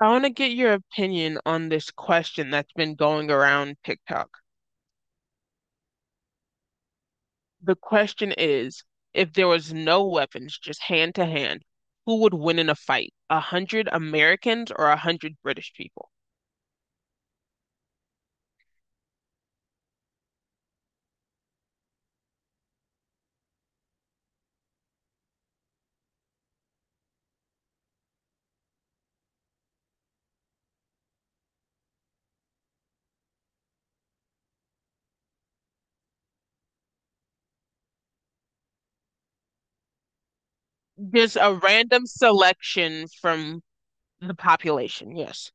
I want to get your opinion on this question that's been going around TikTok. The question is, if there was no weapons, just hand to hand, who would win in a fight? A hundred Americans or a hundred British people? Just a random selection from the population. Yes.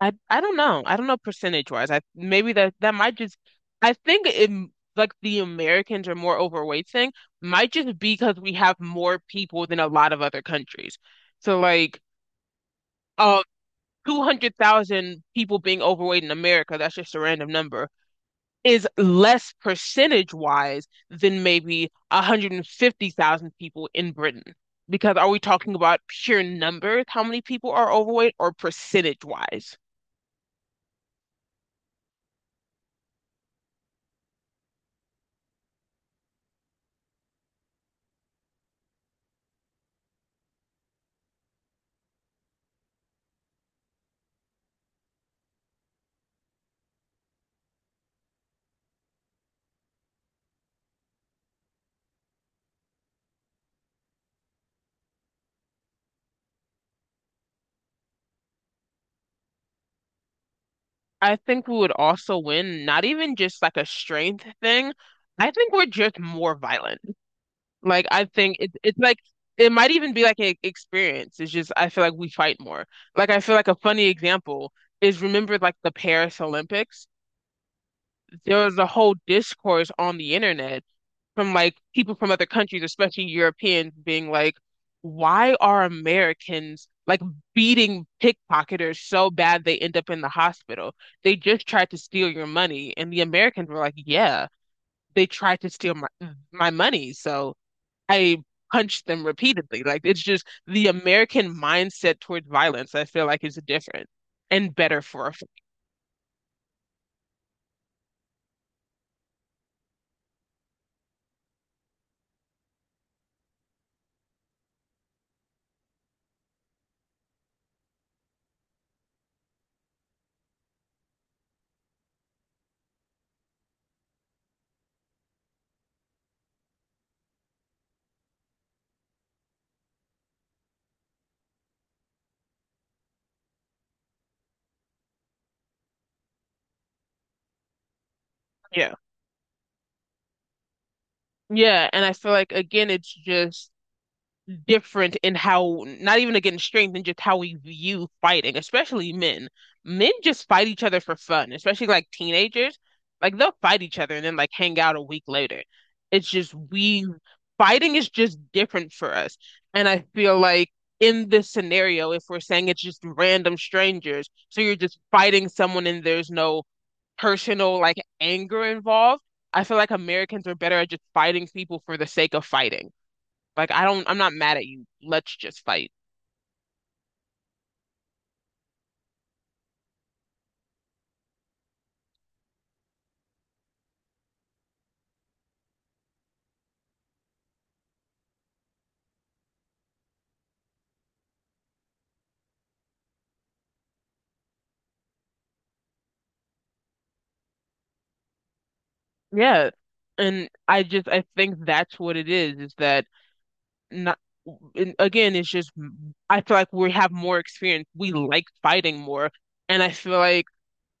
I don't know. I don't know percentage wise. I maybe that might just. I think it m- like the Americans are more overweight thing might just be because we have more people than a lot of other countries. So like of 200,000 people being overweight in America, that's just a random number, is less percentage wise than maybe 150,000 people in Britain. Because are we talking about pure numbers, how many people are overweight, or percentage wise? I think we would also win, not even just like a strength thing. I think we're just more violent. Like I think it's like it might even be like an experience. It's just I feel like we fight more. Like I feel like a funny example is remember like the Paris Olympics. There was a whole discourse on the internet from like people from other countries, especially Europeans, being like, "Why are Americans like beating pickpocketers so bad they end up in the hospital? They just tried to steal your money." And the Americans were like, "Yeah, they tried to steal my money, so." I punched them repeatedly. Like it's just the American mindset towards violence, I feel like is different and better for a f- yeah. Yeah, and I feel like again it's just different in how not even against strength and just how we view fighting, especially men. Men just fight each other for fun, especially like teenagers. Like they'll fight each other and then like hang out a week later. It's just we fighting is just different for us. And I feel like in this scenario, if we're saying it's just random strangers, so you're just fighting someone and there's no personal like anger involved, I feel like Americans are better at just fighting people for the sake of fighting. Like I don't I'm not mad at you. Let's just fight. Yeah. And I just I think that's what it is that not and again, it's just I feel like we have more experience. We like fighting more. And I feel like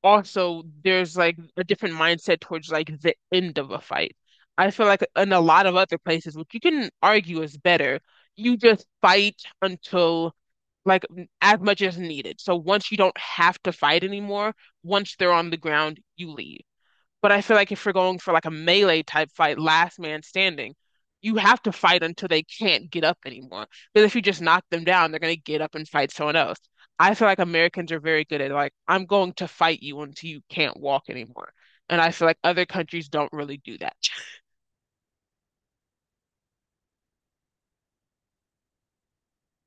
also there's like a different mindset towards like the end of a fight. I feel like in a lot of other places, which you can argue is better, you just fight until like as much as needed. So once you don't have to fight anymore, once they're on the ground, you leave. But I feel like if you're going for like a melee type fight, last man standing, you have to fight until they can't get up anymore. Because if you just knock them down, they're going to get up and fight someone else. I feel like Americans are very good at like, I'm going to fight you until you can't walk anymore. And I feel like other countries don't really do that.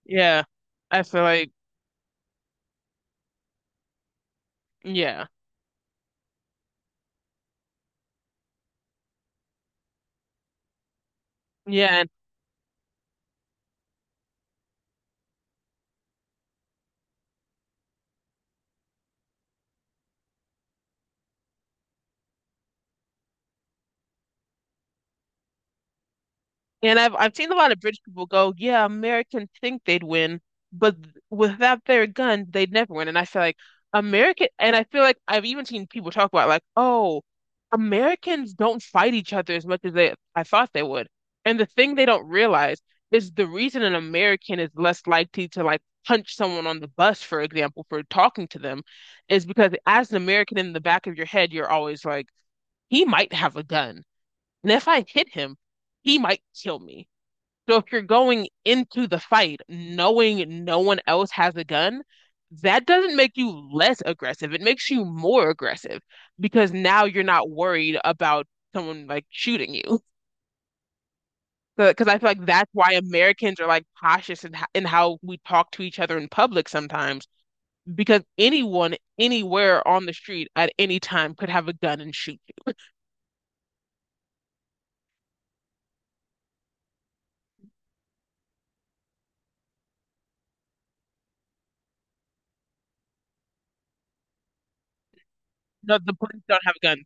Yeah. I feel like, yeah. Yeah. And I've seen a lot of British people go, yeah, Americans think they'd win, but th- without their gun, they'd never win. And I feel like American, and I feel like I've even seen people talk about like, oh, Americans don't fight each other as much as they I thought they would. And the thing they don't realize is the reason an American is less likely to like punch someone on the bus, for example, for talking to them, is because as an American in the back of your head, you're always like, he might have a gun, and if I hit him, he might kill me. So if you're going into the fight knowing no one else has a gun, that doesn't make you less aggressive. It makes you more aggressive because now you're not worried about someone like shooting you. Because I feel like that's why Americans are like cautious in how we talk to each other in public sometimes, because anyone, anywhere on the street at any time could have a gun and shoot you. No, the police don't have guns.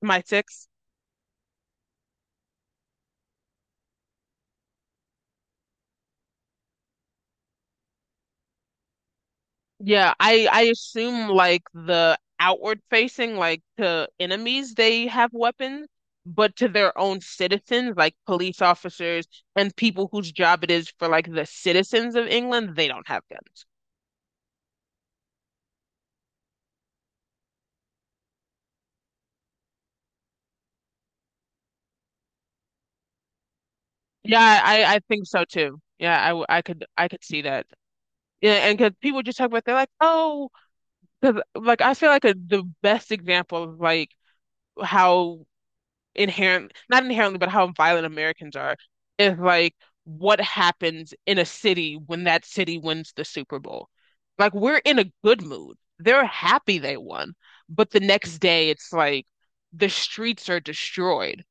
My six. Yeah, I assume like the outward facing, like to enemies, they have weapons, but to their own citizens, like police officers and people whose job it is for like the citizens of England, they don't have guns. Yeah, I think so too. Yeah, I w- I could see that. Yeah, and because people just talk about they're like, oh, 'cause, like I feel like a, the best example of like how inherent, not inherently, but how violent Americans are is like what happens in a city when that city wins the Super Bowl. Like we're in a good mood. They're happy they won. But the next day it's like the streets are destroyed.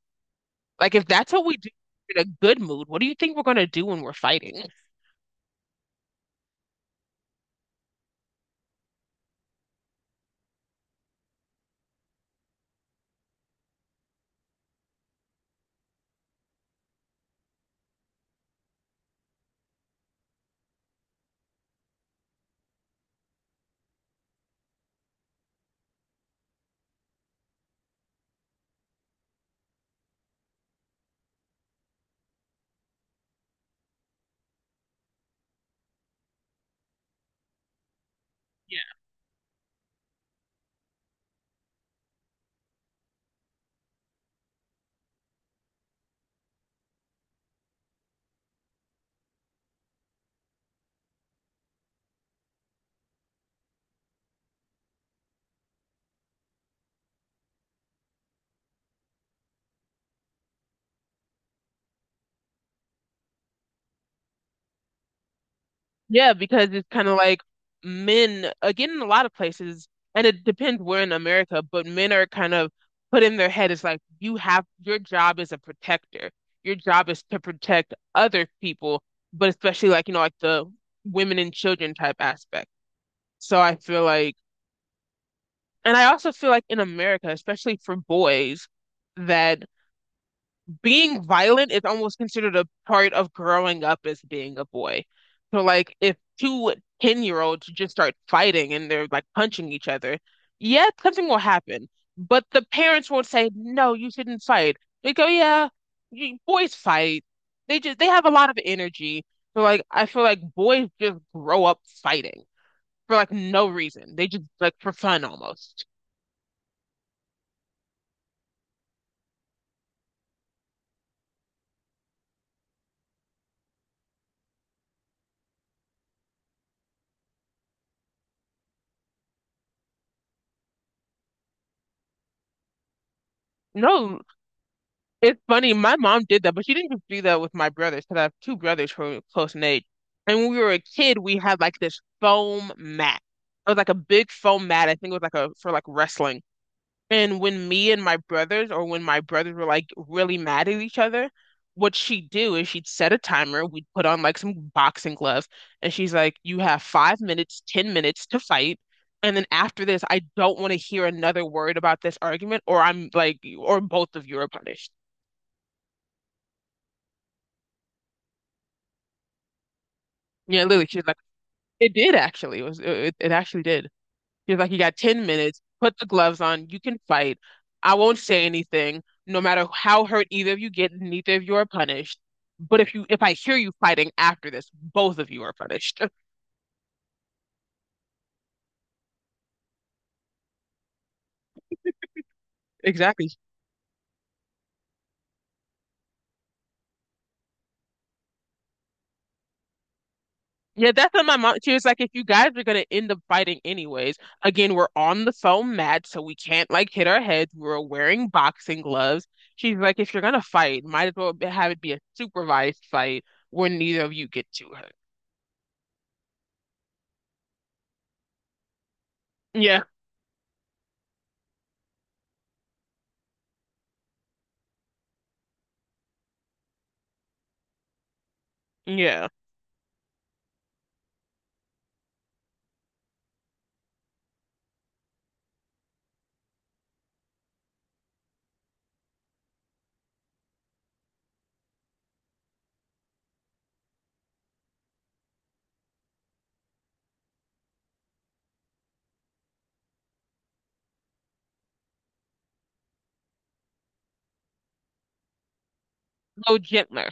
Like if that's what we do in a good mood, what do you think we're gonna do when we're fighting? Yeah, because it's kind of like men, again, in a lot of places, and it depends where in America, but men are kind of put in their head, it's like you have your job is a protector. Your job is to protect other people, but especially like, you know, like the women and children type aspect. So I feel like, and I also feel like in America, especially for boys, that being violent is almost considered a part of growing up as being a boy. So like if 2 ten-year-olds year olds just start fighting and they're like punching each other, yeah, something will happen. But the parents won't say, no, you shouldn't fight. They go, yeah, you, boys fight. They just they have a lot of energy. So like I feel like boys just grow up fighting for like no reason. They just like for fun almost. No, it's funny, my mom did that, but she didn't just do that with my brothers because I have two brothers who are close in age. And when we were a kid, we had like this foam mat. It was like a big foam mat. I think it was like a for like wrestling. And when me and my brothers, or when my brothers were like really mad at each other, what she'd do is she'd set a timer. We'd put on like some boxing gloves, and she's like, "You have 5 minutes, 10 minutes to fight." And then after this, I don't want to hear another word about this argument, or I'm like, or both of you are punished. Yeah, literally, she was like, it did actually. It was it, it actually did. She was like, you got 10 minutes, put the gloves on, you can fight. I won't say anything, no matter how hurt either of you get, neither of you are punished. But if you if I hear you fighting after this, both of you are punished. Exactly. Yeah, that's what my mom. She was like, if you guys are gonna end up fighting anyways, again, we're on the foam mat, so we can't like hit our heads. We're wearing boxing gloves. She's like, if you're gonna fight, might as well have it be a supervised fight where neither of you get too hurt. Yeah, yeah. No, gentler.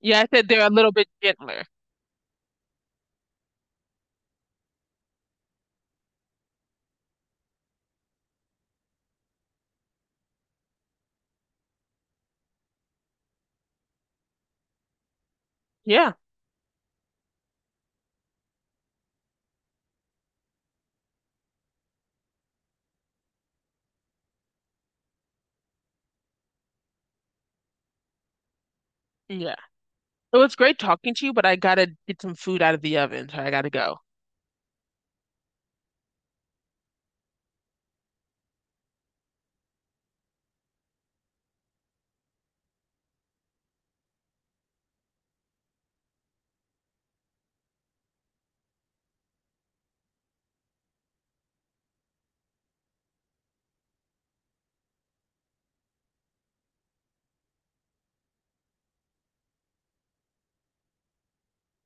Yeah, I said they're a little bit gentler. Yeah, yeah. It was great talking to you, but I gotta get some food out of the oven, so I gotta go.